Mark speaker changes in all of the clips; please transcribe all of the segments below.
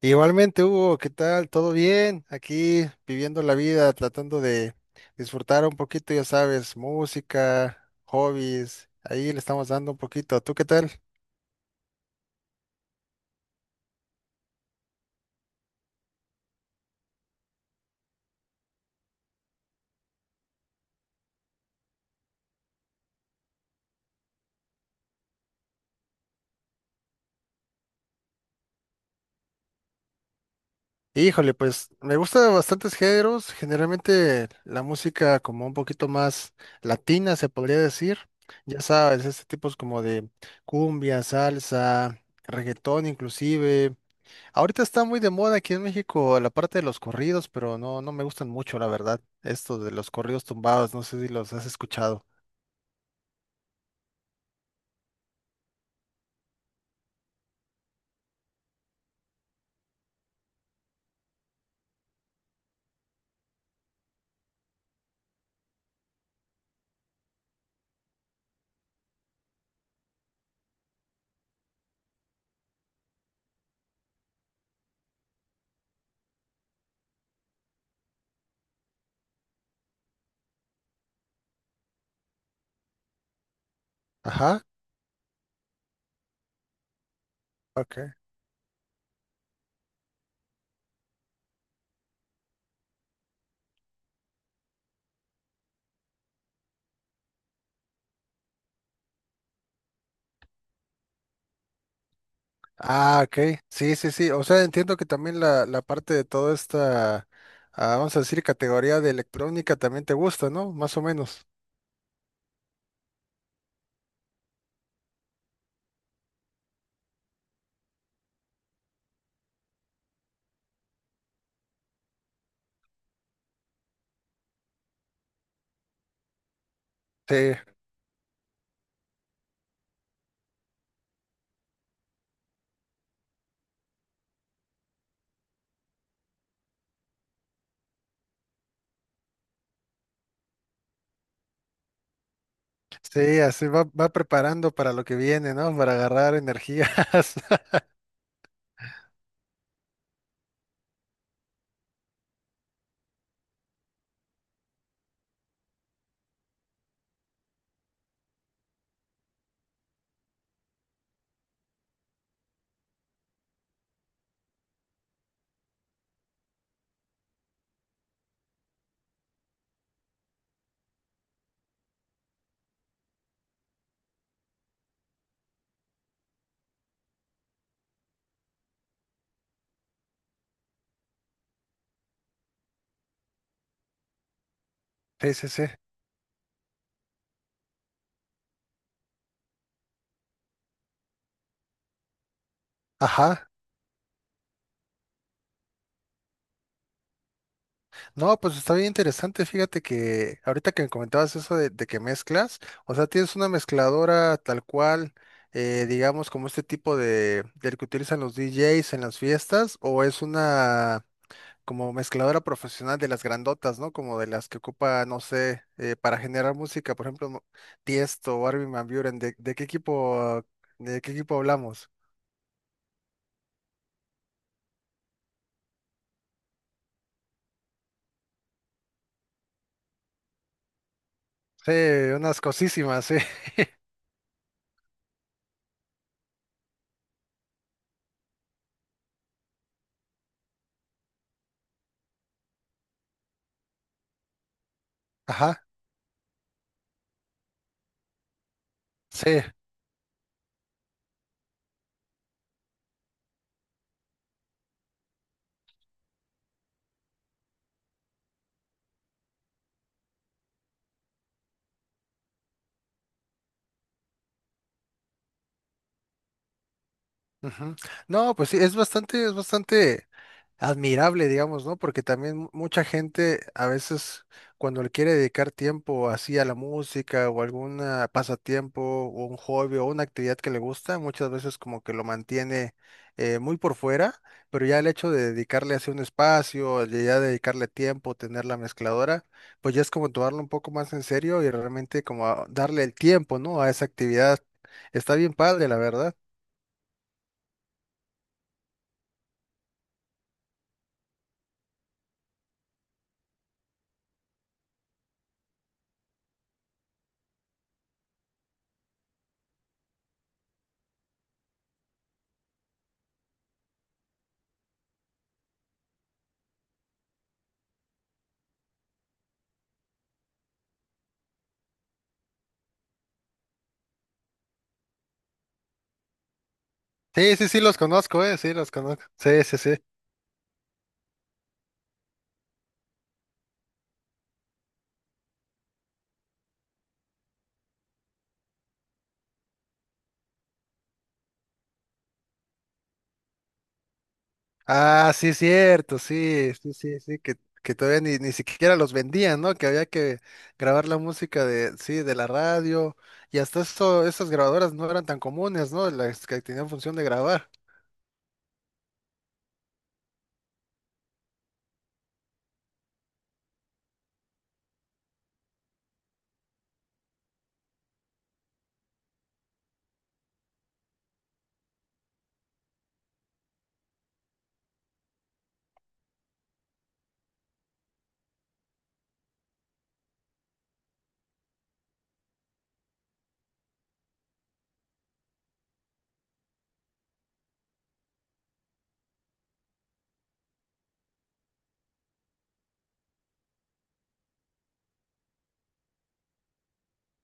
Speaker 1: Igualmente, Hugo, ¿qué tal? ¿Todo bien? Aquí viviendo la vida, tratando de disfrutar un poquito, ya sabes, música, hobbies, ahí le estamos dando un poquito. ¿Tú qué tal? Híjole, pues me gusta bastantes géneros, generalmente la música como un poquito más latina, se podría decir. Ya sabes, este tipo es como de cumbia, salsa, reggaetón inclusive. Ahorita está muy de moda aquí en México la parte de los corridos, pero no, no me gustan mucho, la verdad. Esto de los corridos tumbados, no sé si los has escuchado. Ajá. Ok. Ah, ok. Sí, sí, sí. O sea, entiendo que también la parte de toda esta, vamos a decir, categoría de electrónica también te gusta, ¿no? Más o menos. Sí. Sí, así va, va preparando para lo que viene, ¿no? Para agarrar energías. Sí, sí, sí. Ajá. No, pues está bien interesante. Fíjate que ahorita que me comentabas eso de, que mezclas, o sea, tienes una mezcladora tal cual, digamos, como este tipo de, del que utilizan los DJs en las fiestas, o es una como mezcladora profesional de las grandotas, ¿no? Como de las que ocupa, no sé, para generar música, por ejemplo, no- Tiesto o Armin van Buuren. ¿De, qué equipo, de qué equipo hablamos? Sí, unas cosísimas, sí. Ajá, sí. Ujú. No, pues sí, es bastante admirable, digamos, ¿no? Porque también mucha gente a veces cuando le quiere dedicar tiempo así a la música o algún pasatiempo o un hobby o una actividad que le gusta, muchas veces como que lo mantiene muy por fuera, pero ya el hecho de dedicarle así un espacio, de ya dedicarle tiempo, tener la mezcladora, pues ya es como tomarlo un poco más en serio y realmente como darle el tiempo, ¿no? A esa actividad. Está bien padre, la verdad. Sí, sí, sí, los conozco, sí, los conozco. Sí, sí, sí. Ah, sí, cierto, sí, sí, sí, sí, que todavía ni, ni siquiera los vendían, ¿no? Que había que grabar la música de, sí, de la radio, y hasta eso, esas grabadoras no eran tan comunes, ¿no? Las que tenían función de grabar.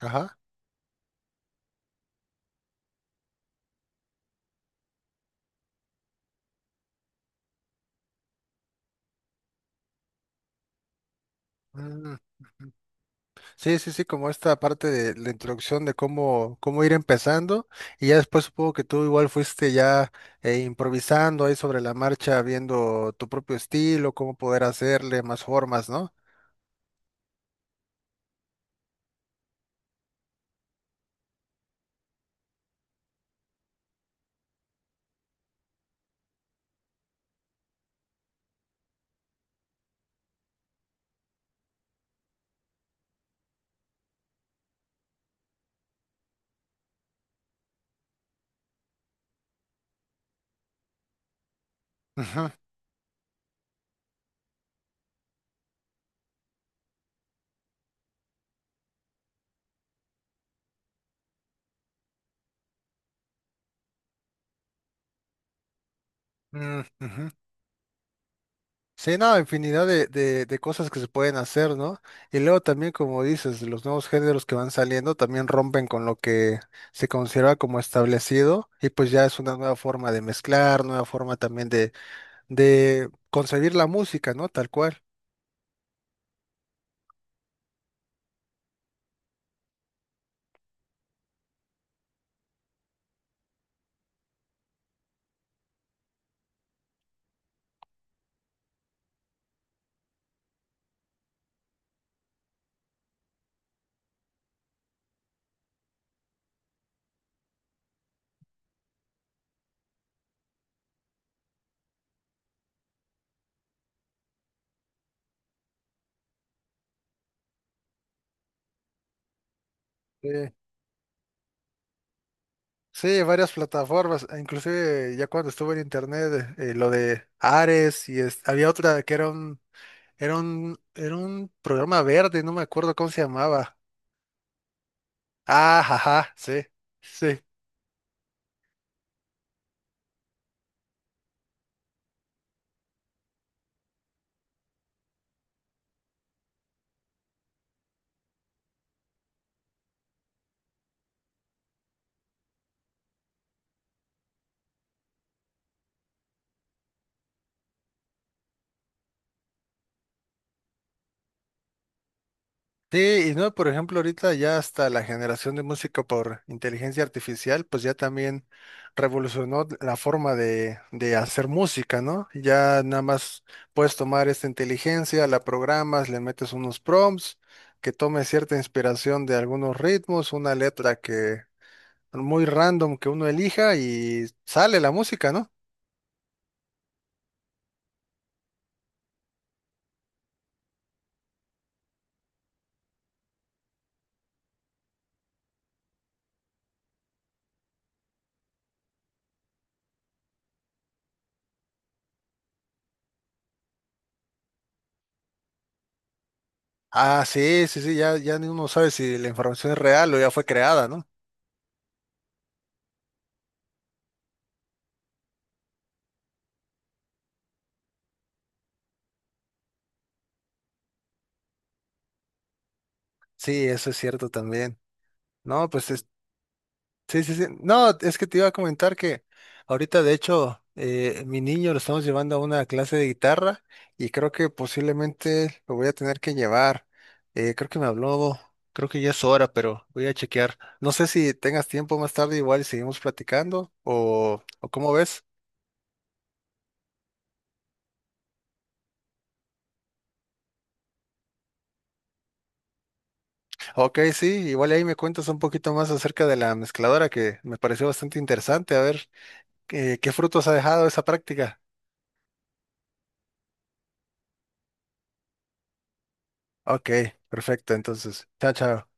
Speaker 1: Ajá. Mm. Sí, sí, sí, como esta parte de la introducción de cómo, cómo ir empezando, y ya después supongo que tú igual fuiste ya improvisando ahí sobre la marcha, viendo tu propio estilo, cómo poder hacerle más formas, ¿no? Ujú. Mm, ujú. Sí, no, infinidad de, de cosas que se pueden hacer, ¿no? Y luego también, como dices, los nuevos géneros que van saliendo también rompen con lo que se considera como establecido y pues ya es una nueva forma de mezclar, nueva forma también de concebir la música, ¿no? Tal cual. Sí, sí, varias plataformas, e inclusive ya cuando estuve en internet, lo de Ares y había otra que era un, era un, era un programa verde, no me acuerdo cómo se llamaba. Ah, ajá, sí, sí. Sí, y no, por ejemplo, ahorita ya hasta la generación de música por inteligencia artificial, pues ya también revolucionó la forma de hacer música, ¿no? Ya nada más puedes tomar esta inteligencia, la programas, le metes unos prompts, que tome cierta inspiración de algunos ritmos, una letra que muy random que uno elija y sale la música, ¿no? Ah, sí, sí, sí, ya, ya ni uno sabe si la información es real o ya fue creada, ¿no? Sí, eso es cierto también. No, pues sí, sí, sí. No, es que te iba a comentar que ahorita, de hecho, mi niño lo estamos llevando a una clase de guitarra y creo que posiblemente lo voy a tener que llevar. Creo que me habló, creo que ya es hora, pero voy a chequear. No sé si tengas tiempo más tarde, igual y seguimos platicando o cómo ves. Ok, sí, igual ahí me cuentas un poquito más acerca de la mezcladora que me pareció bastante interesante. A ver, qué frutos ha dejado esa práctica. Ok, perfecto. Entonces, chao, chao.